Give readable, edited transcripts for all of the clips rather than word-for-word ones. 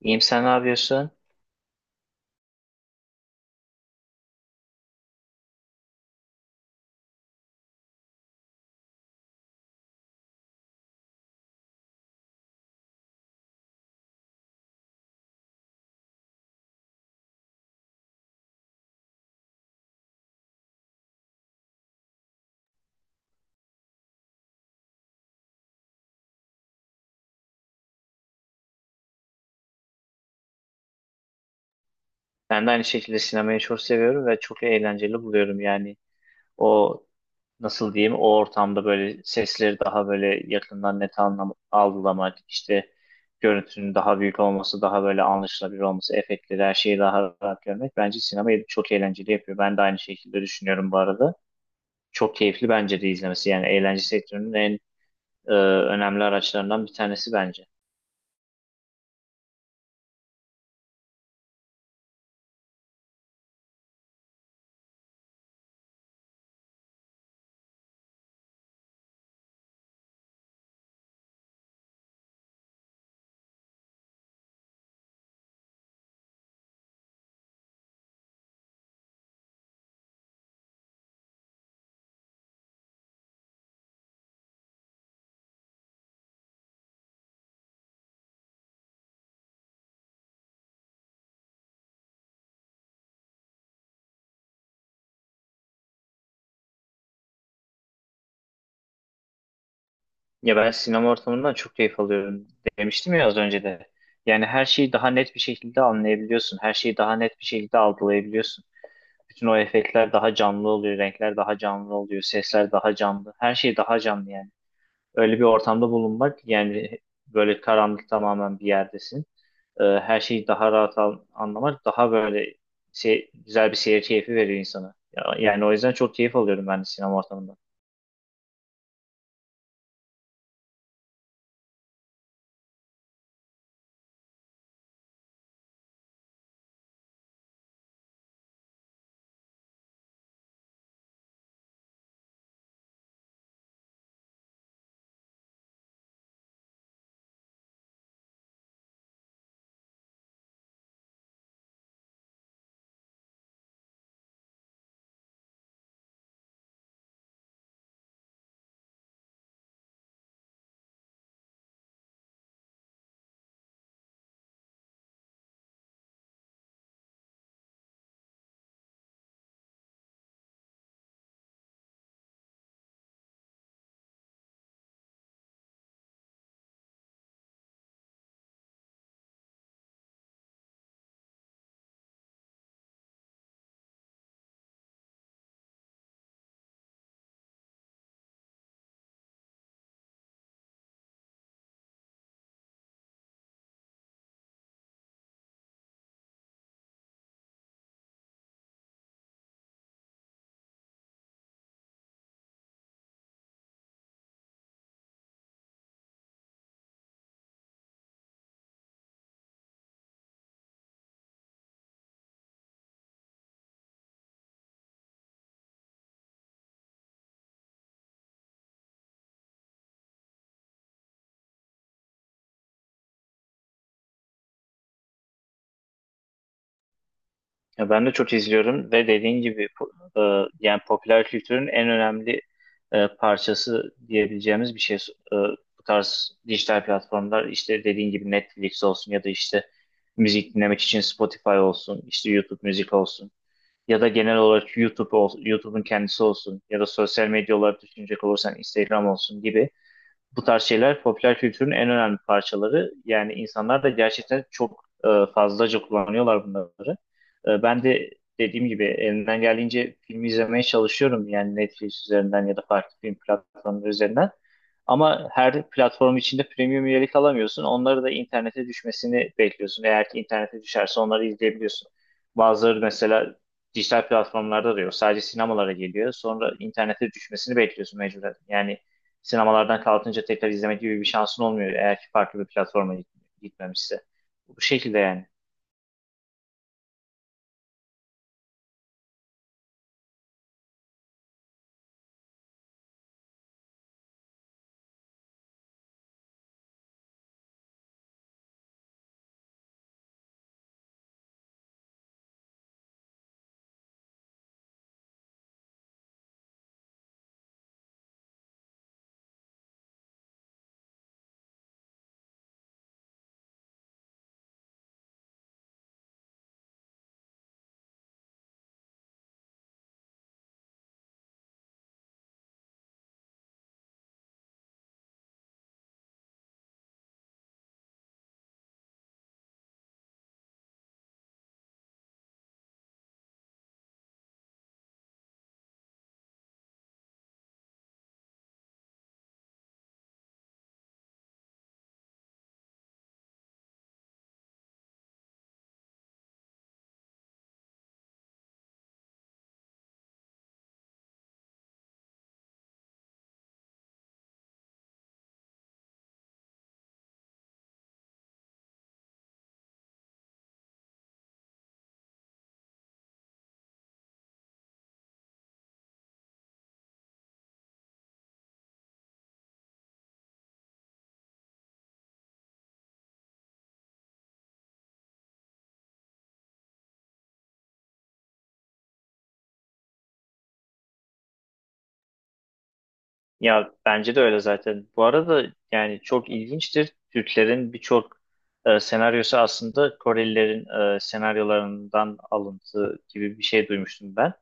İyiyim, sen ne yapıyorsun? Ben de aynı şekilde sinemayı çok seviyorum ve çok eğlenceli buluyorum. Yani o, nasıl diyeyim, o ortamda böyle sesleri daha böyle yakından net anlam algılamak, işte görüntünün daha büyük olması, daha böyle anlaşılabilir olması, efektleri her şeyi daha rahat görmek bence sinemayı çok eğlenceli yapıyor. Ben de aynı şekilde düşünüyorum bu arada. Çok keyifli bence de izlemesi, yani eğlence sektörünün en e, önemli araçlarından bir tanesi bence. Ya ben sinema ortamından çok keyif alıyorum, demiştim ya az önce de. Yani her şeyi daha net bir şekilde anlayabiliyorsun. Her şeyi daha net bir şekilde algılayabiliyorsun. Bütün o efektler daha canlı oluyor, renkler daha canlı oluyor, sesler daha canlı. Her şey daha canlı yani. Öyle bir ortamda bulunmak, yani böyle karanlık tamamen bir yerdesin. Her şeyi daha rahat anlamak daha böyle güzel bir seyir keyfi veriyor insana. Yani o yüzden çok keyif alıyorum ben de sinema ortamından. Ya ben de çok izliyorum ve dediğin gibi yani popüler kültürün en önemli parçası diyebileceğimiz bir şey. E, Bu tarz dijital platformlar, işte dediğin gibi Netflix olsun ya da işte müzik dinlemek için Spotify olsun, işte YouTube müzik olsun ya da genel olarak YouTube'un kendisi olsun ya da sosyal medya olarak düşünecek olursan Instagram olsun gibi bu tarz şeyler popüler kültürün en önemli parçaları. Yani insanlar da gerçekten çok fazlaca kullanıyorlar bunları. Ben de dediğim gibi elimden geldiğince film izlemeye çalışıyorum. Yani Netflix üzerinden ya da farklı film platformları üzerinden. Ama her platform içinde premium üyelik alamıyorsun. Onları da internete düşmesini bekliyorsun. Eğer ki internete düşerse onları izleyebiliyorsun. Bazıları mesela dijital platformlarda da yok. Sadece sinemalara geliyor. Sonra internete düşmesini bekliyorsun mecburen. Yani sinemalardan kalkınca tekrar izlemek gibi bir şansın olmuyor eğer ki farklı bir platforma gitmemişse. Bu şekilde yani. Ya bence de öyle zaten. Bu arada yani çok ilginçtir, Türklerin birçok senaryosu aslında Korelilerin senaryolarından alıntı gibi bir şey duymuştum ben.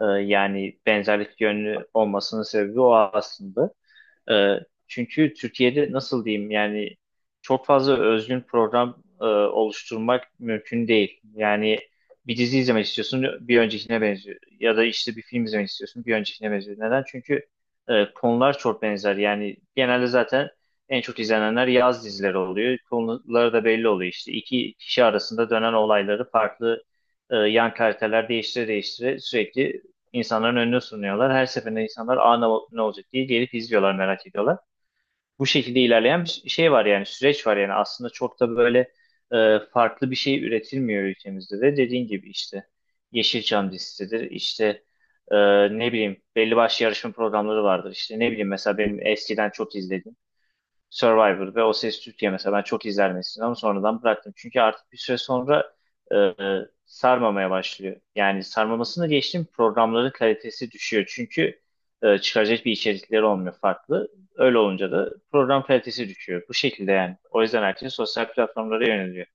Yani benzerlik yönlü olmasının sebebi o aslında. E, Çünkü Türkiye'de nasıl diyeyim yani çok fazla özgün program oluşturmak mümkün değil. Yani bir dizi izlemek istiyorsun, bir öncekine benziyor. Ya da işte bir film izlemek istiyorsun, bir öncekine benziyor. Neden? Çünkü konular çok benzer. Yani genelde zaten en çok izlenenler yaz dizileri oluyor. Konuları da belli oluyor işte. İki kişi arasında dönen olayları farklı yan karakterler değiştire değiştire sürekli insanların önüne sunuyorlar. Her seferinde insanlar, aa, ne olacak diye gelip izliyorlar, merak ediyorlar. Bu şekilde ilerleyen bir şey var, yani süreç var. Yani aslında çok da böyle farklı bir şey üretilmiyor ülkemizde de, dediğin gibi işte Yeşilçam dizisidir, işte e, ne bileyim, belli başlı yarışma programları vardır, işte ne bileyim, mesela benim eskiden çok izlediğim Survivor ve O Ses Türkiye mesela, ben çok izlerdim eskiden ama sonradan bıraktım. Çünkü artık bir süre sonra e, e, sarmamaya başlıyor. Yani sarmamasını geçtim, programların kalitesi düşüyor. Çünkü çıkaracak bir içerikleri olmuyor farklı. Öyle olunca da program kalitesi düşüyor. Bu şekilde yani. O yüzden herkes sosyal platformlara yöneliyor.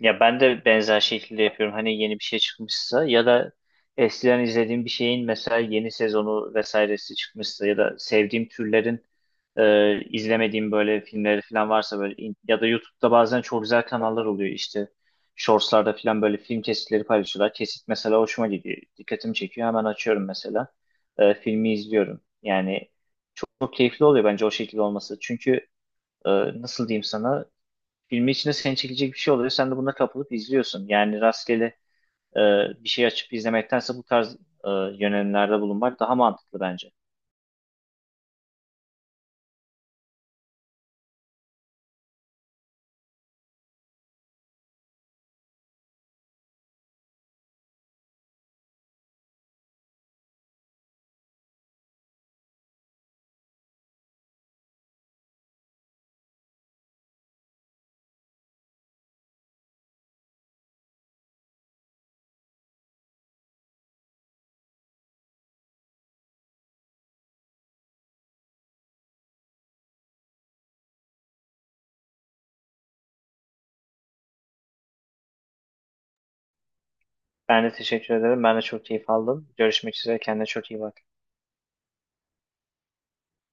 Ya ben de benzer şekilde yapıyorum. Hani yeni bir şey çıkmışsa ya da eskiden izlediğim bir şeyin mesela yeni sezonu vesairesi çıkmışsa ya da sevdiğim türlerin izlemediğim böyle filmleri falan varsa, böyle ya da YouTube'da bazen çok güzel kanallar oluyor, işte Shorts'larda falan böyle film kesitleri paylaşıyorlar. Kesit mesela hoşuma gidiyor, dikkatimi çekiyor, hemen açıyorum mesela. Filmi izliyorum. Yani çok keyifli oluyor bence o şekilde olması. Çünkü e, nasıl diyeyim sana, filmi içinde seni çekecek bir şey oluyor. Sen de buna kapılıp izliyorsun. Yani rastgele e, bir şey açıp izlemektense bu tarz e, yönelimlerde bulunmak daha mantıklı bence. Ben de teşekkür ederim. Ben de çok keyif aldım. Görüşmek üzere. Kendine çok iyi bak.